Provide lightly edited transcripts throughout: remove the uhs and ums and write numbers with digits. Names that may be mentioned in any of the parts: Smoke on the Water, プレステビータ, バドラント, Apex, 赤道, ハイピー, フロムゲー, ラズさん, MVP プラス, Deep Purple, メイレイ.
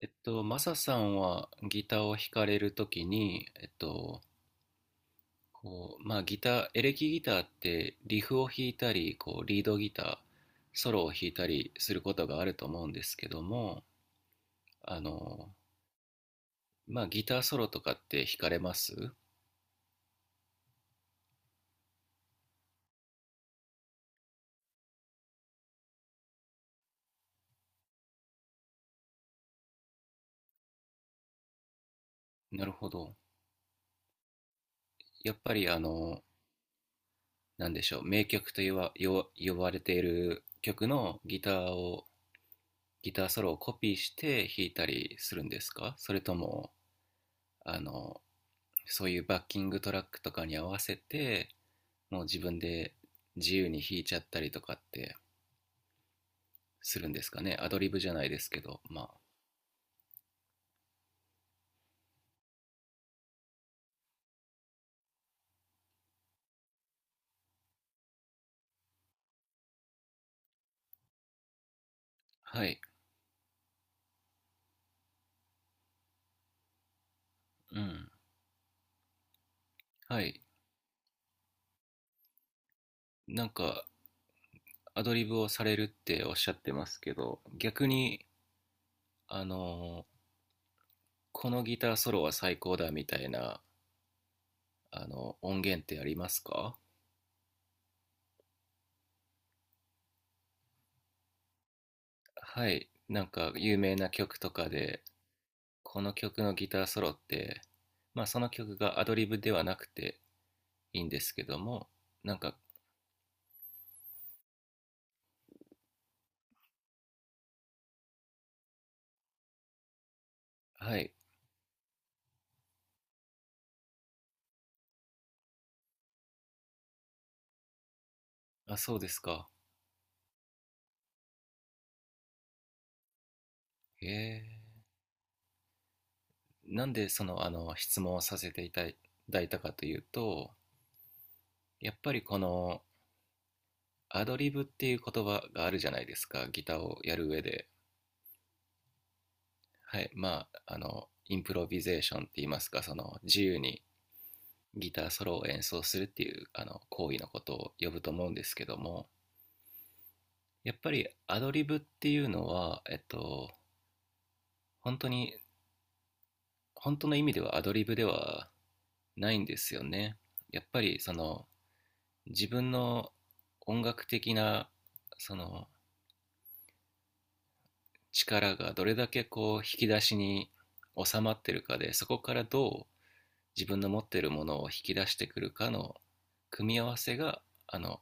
マサさんはギターを弾かれるときに、こう、まあギター、エレキギターってリフを弾いたり、こう、リードギター、ソロを弾いたりすることがあると思うんですけども、あの、まあギターソロとかって弾かれます？なるほど。やっぱりあの、なんでしょう、名曲と言わ、よ呼ばれている曲のギターを、ギターソロをコピーして弾いたりするんですか？それとも、あの、そういうバッキングトラックとかに合わせて、もう自分で自由に弾いちゃったりとかってするんですかね？アドリブじゃないですけどまあ。はい。うん。はい。なんかアドリブをされるっておっしゃってますけど、逆に、あの、このギターソロは最高だみたいな、あの、音源ってありますか？はい、なんか有名な曲とかで、この曲のギターソロって、まあその曲がアドリブではなくていいんですけども、なんか、はい、あ、そうですか。へえ。なんでその、あの、質問をさせていただいたかというと、やっぱりこの、アドリブっていう言葉があるじゃないですか、ギターをやる上で。はい、まあ、あの、インプロビゼーションって言いますか、その、自由にギターソロを演奏するっていう、あの、行為のことを呼ぶと思うんですけども、やっぱりアドリブっていうのは、本当に、本当の意味ではアドリブではないんですよね。やっぱりその、自分の音楽的な、その力がどれだけこう引き出しに収まってるかで、そこからどう自分の持ってるものを引き出してくるかの組み合わせが、あの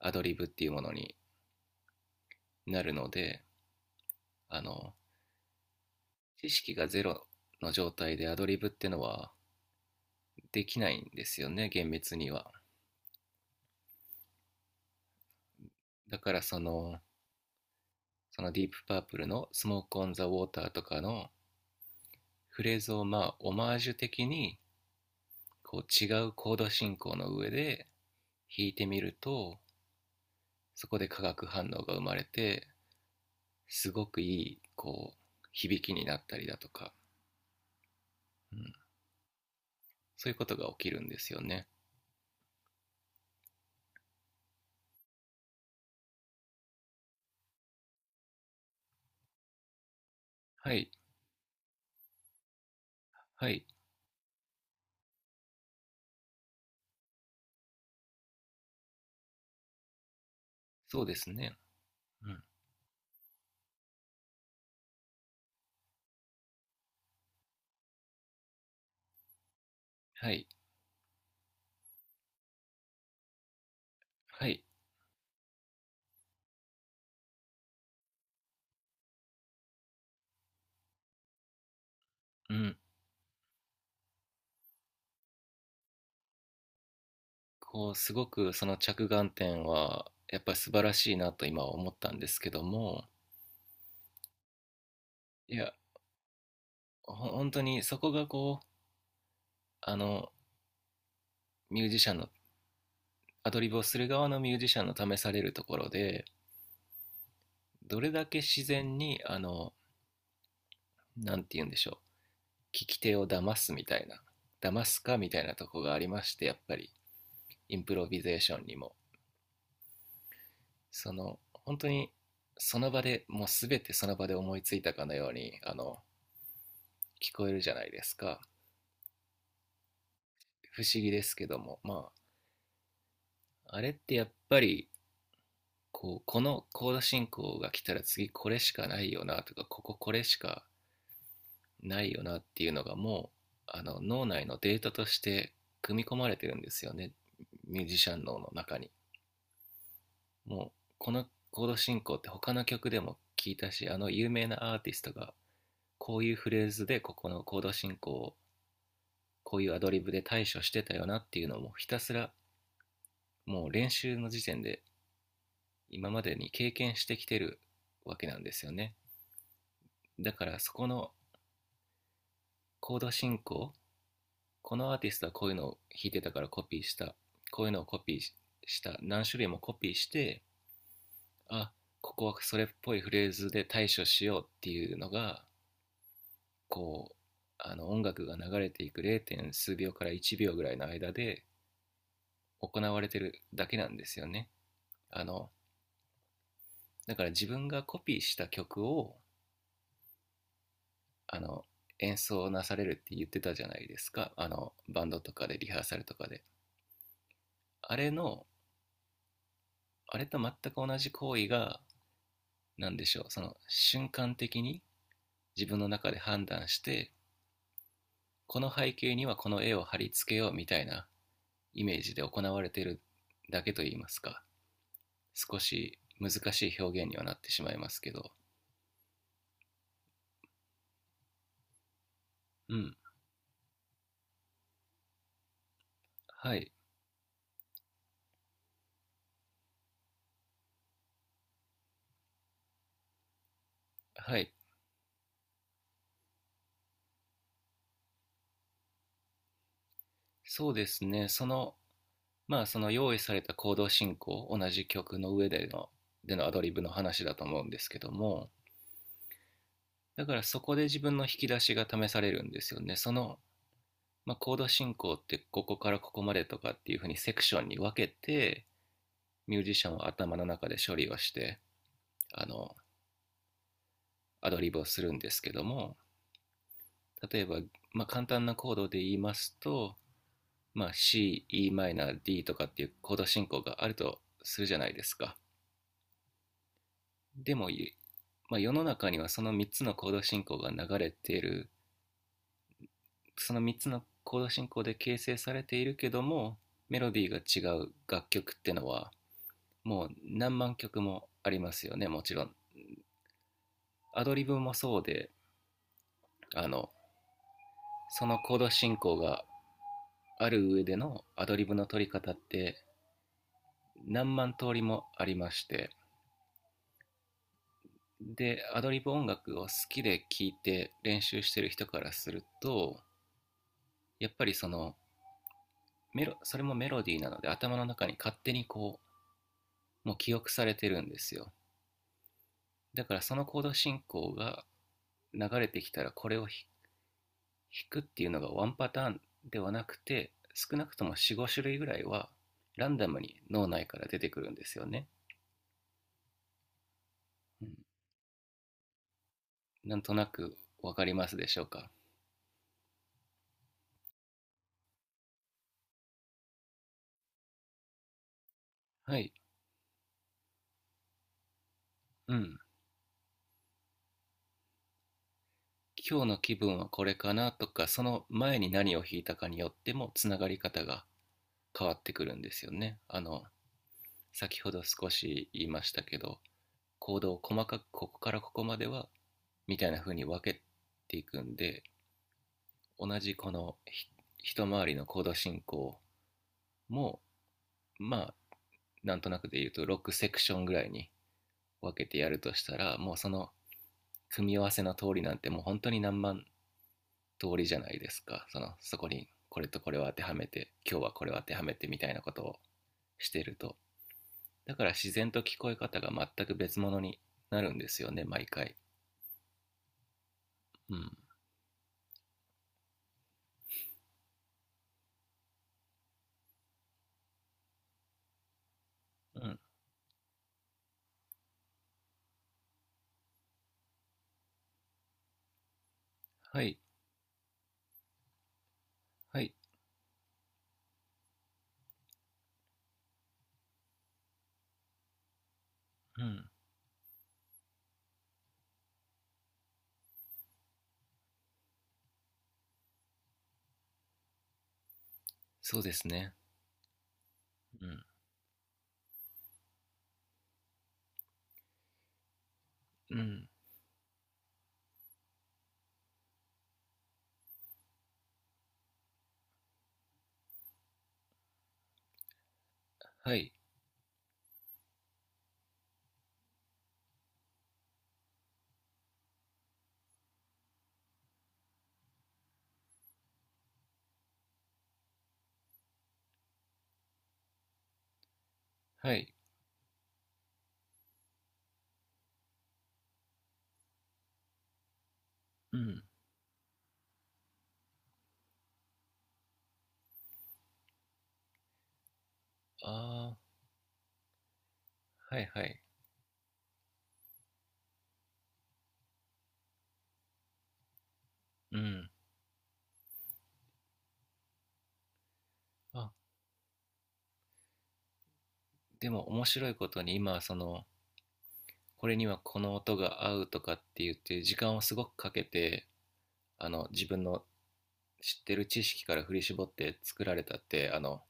アドリブっていうものになるので、あの、知識がゼロの状態でアドリブってのはできないんですよね、厳密には。だからそのディープパープルの「スモーク・オン・ザ・ウォーター」とかのフレーズを、まあオマージュ的に、こう違うコード進行の上で弾いてみると、そこで化学反応が生まれて、すごくいい、こう響きになったりだとか、うん、そういうことが起きるんですよね。はい、はい、そうですね。うん、はい、はい、うん。こうすごくその着眼点はやっぱり素晴らしいなと今は思ったんですけども、いや、本当にそこがこう、あのミュージシャンの、アドリブをする側のミュージシャンの試されるところで、どれだけ自然に、あの、なんて言うんでしょう、聞き手を騙すかみたいなとこがありまして、やっぱりインプロビゼーションにも、その、本当にその場でもう全て、その場で思いついたかのように、あの聞こえるじゃないですか。不思議ですけどもまああれってやっぱりこう、このコード進行が来たら次これしかないよなとか、こここれしかないよなっていうのがもう、あの脳内のデータとして組み込まれてるんですよね、ミュージシャン脳の中に、もう、このコード進行って他の曲でも聞いたし、あの有名なアーティストがこういうフレーズでここのコード進行をこういうアドリブで対処してたよなっていうのもひたすら、もう練習の時点で今までに経験してきてるわけなんですよね。だからそこのコード進行、このアーティストはこういうのを弾いてたからコピーした。こういうのをコピーした。何種類もコピーして、あ、ここはそれっぽいフレーズで対処しようっていうのが、こう、あの音楽が流れていく 0. 数秒から1秒ぐらいの間で行われてるだけなんですよね。あの、だから自分がコピーした曲を、あの、演奏なされるって言ってたじゃないですか。あの、バンドとかでリハーサルとかで。あれの、あれと全く同じ行為が、なんでしょう、その瞬間的に自分の中で判断して、この背景にはこの絵を貼り付けようみたいなイメージで行われているだけといいますか、少し難しい表現にはなってしまいますけど、うん、はい、はい、そうですね、その、まあその用意された行動進行、同じ曲の上での、でのアドリブの話だと思うんですけども、だからそこで自分の引き出しが試されるんですよね。その、まあ、コード進行ってここからここまでとかっていう風にセクションに分けて、ミュージシャンは頭の中で処理をして、あの、アドリブをするんですけども、例えば、まあ、簡単なコードで言いますと、まあ、C、Em、D とかっていうコード進行があるとするじゃないですか。でも、まあ、世の中にはその3つのコード進行が流れている、その3つのコード進行で形成されているけども、メロディーが違う楽曲ってのはもう何万曲もありますよね、もちろん。アドリブもそうで、あの、そのコード進行がある上でのアドリブの取り方って、何万通りもありまして、でアドリブ音楽を好きで聴いて練習してる人からすると、やっぱりそのメロそれもメロディーなので、頭の中に勝手にこうもう記憶されてるんですよ。だからそのコード進行が流れてきたら、これを弾くっていうのがワンパターンではなくて、少なくとも45種類ぐらいはランダムに脳内から出てくるんですよね、うん、なんとなくわかりますでしょうか？はい。うん。今日の気分はこれかなとか、その前に何を弾いたかによってもつながり方が変わってくるんですよね、あの、先ほど少し言いましたけど、行動を細かくここからここまではみたいな風に分けていくんで、同じこの一回りの行動進行も、まあ、なんとなくで言うと6セクションぐらいに分けてやるとしたら、もうその組み合わせの通りなんてもう本当に何万通りじゃないですか、そのそこにこれとこれを当てはめて、今日はこれを当てはめて、みたいなことをしてると。だから自然と聞こえ方が全く別物になるんですよね、毎回。うん、うん、はい、はい、うん、そうですね、うん、うん、はい、はい、うん、ああ、はい、はい、うん。あ、でも面白いことに今はその、これにはこの音が合うとかって言って時間をすごくかけて、あの自分の知ってる知識から振り絞って作られたって、あの、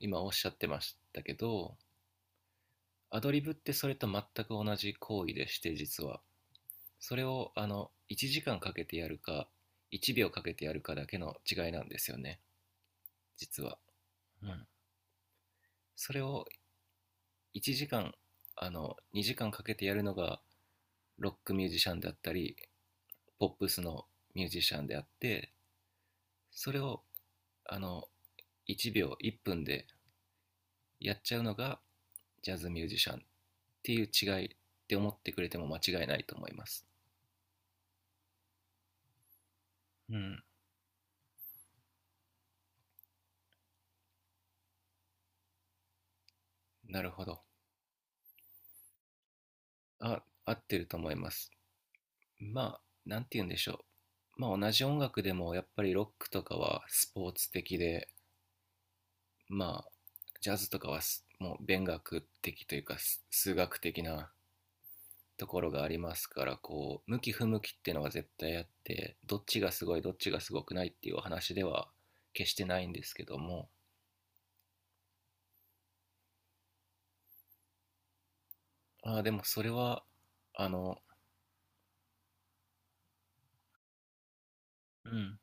今おっしゃってましたけど、アドリブってそれと全く同じ行為でして、実はそれをあの1時間かけてやるか1秒かけてやるかだけの違いなんですよね、実は。うん、それを1時間、あの2時間かけてやるのがロックミュージシャンであったり、ポップスのミュージシャンであって、それをあの1秒1分でやっちゃうのがジャズミュージシャンっていう違いって思ってくれても間違いないと思います。うん、なるほど。あ、合ってると思います。まあなんて言うんでしょう。まあ同じ音楽でもやっぱりロックとかはスポーツ的で、まあジャズとかはもう勉学的というか、数学的なところがありますから、こう向き不向きっていうのが絶対あって、どっちがすごいどっちがすごくないっていう話では決してないんですけども、ああ、でもそれはあの、うん。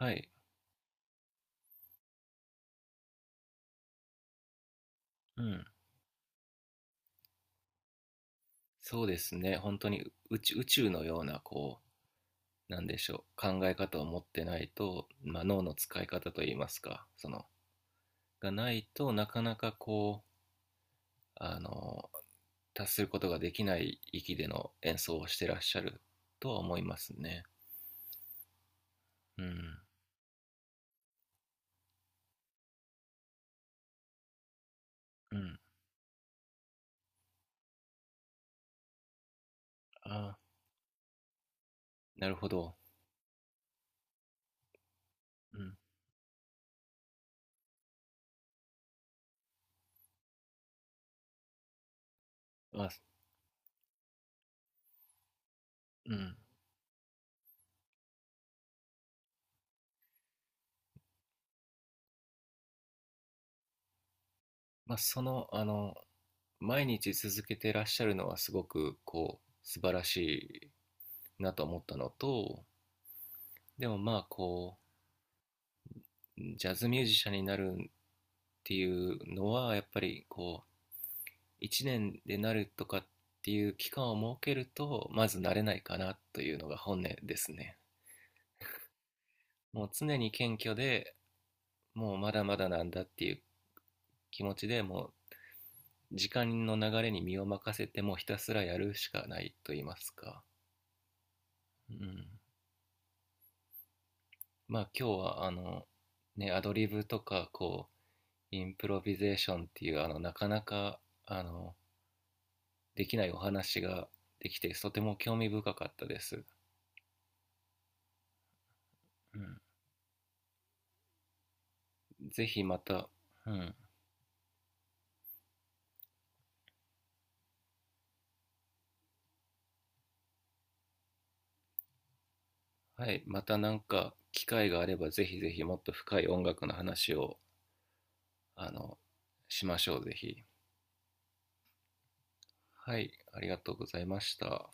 はい、うん。そうですね、本当に宇宙、宇宙のような、こう、なんでしょう、考え方を持ってないと、まあ、脳の使い方といいますか、そのがないと、なかなかこう、あの、達することができない域での演奏をしてらっしゃるとは思いますね。うん、うん。ああ、なるほど。うん。まあ、うん。まあ、その、あの、毎日続けてらっしゃるのはすごく、こう、素晴らしいなと思ったのと、でもまあ、こう、ジャズミュージシャンになるっていうのは、やっぱり、こう、1年でなるとかっていう期間を設けると、まずなれないかなというのが本音ですね。もう常に謙虚で、もうまだまだなんだっていう気持ちで、もう時間の流れに身を任せてもひたすらやるしかないと言いますか。うん、まあ今日はあのね、アドリブとかこうインプロビゼーションっていう、あの、なかなかあのできないお話ができてとても興味深かったです。うん、ぜひまた、うん、はい、またなんか機会があればぜひぜひもっと深い音楽の話を、あの、しましょう、ぜひ。はい、ありがとうございました。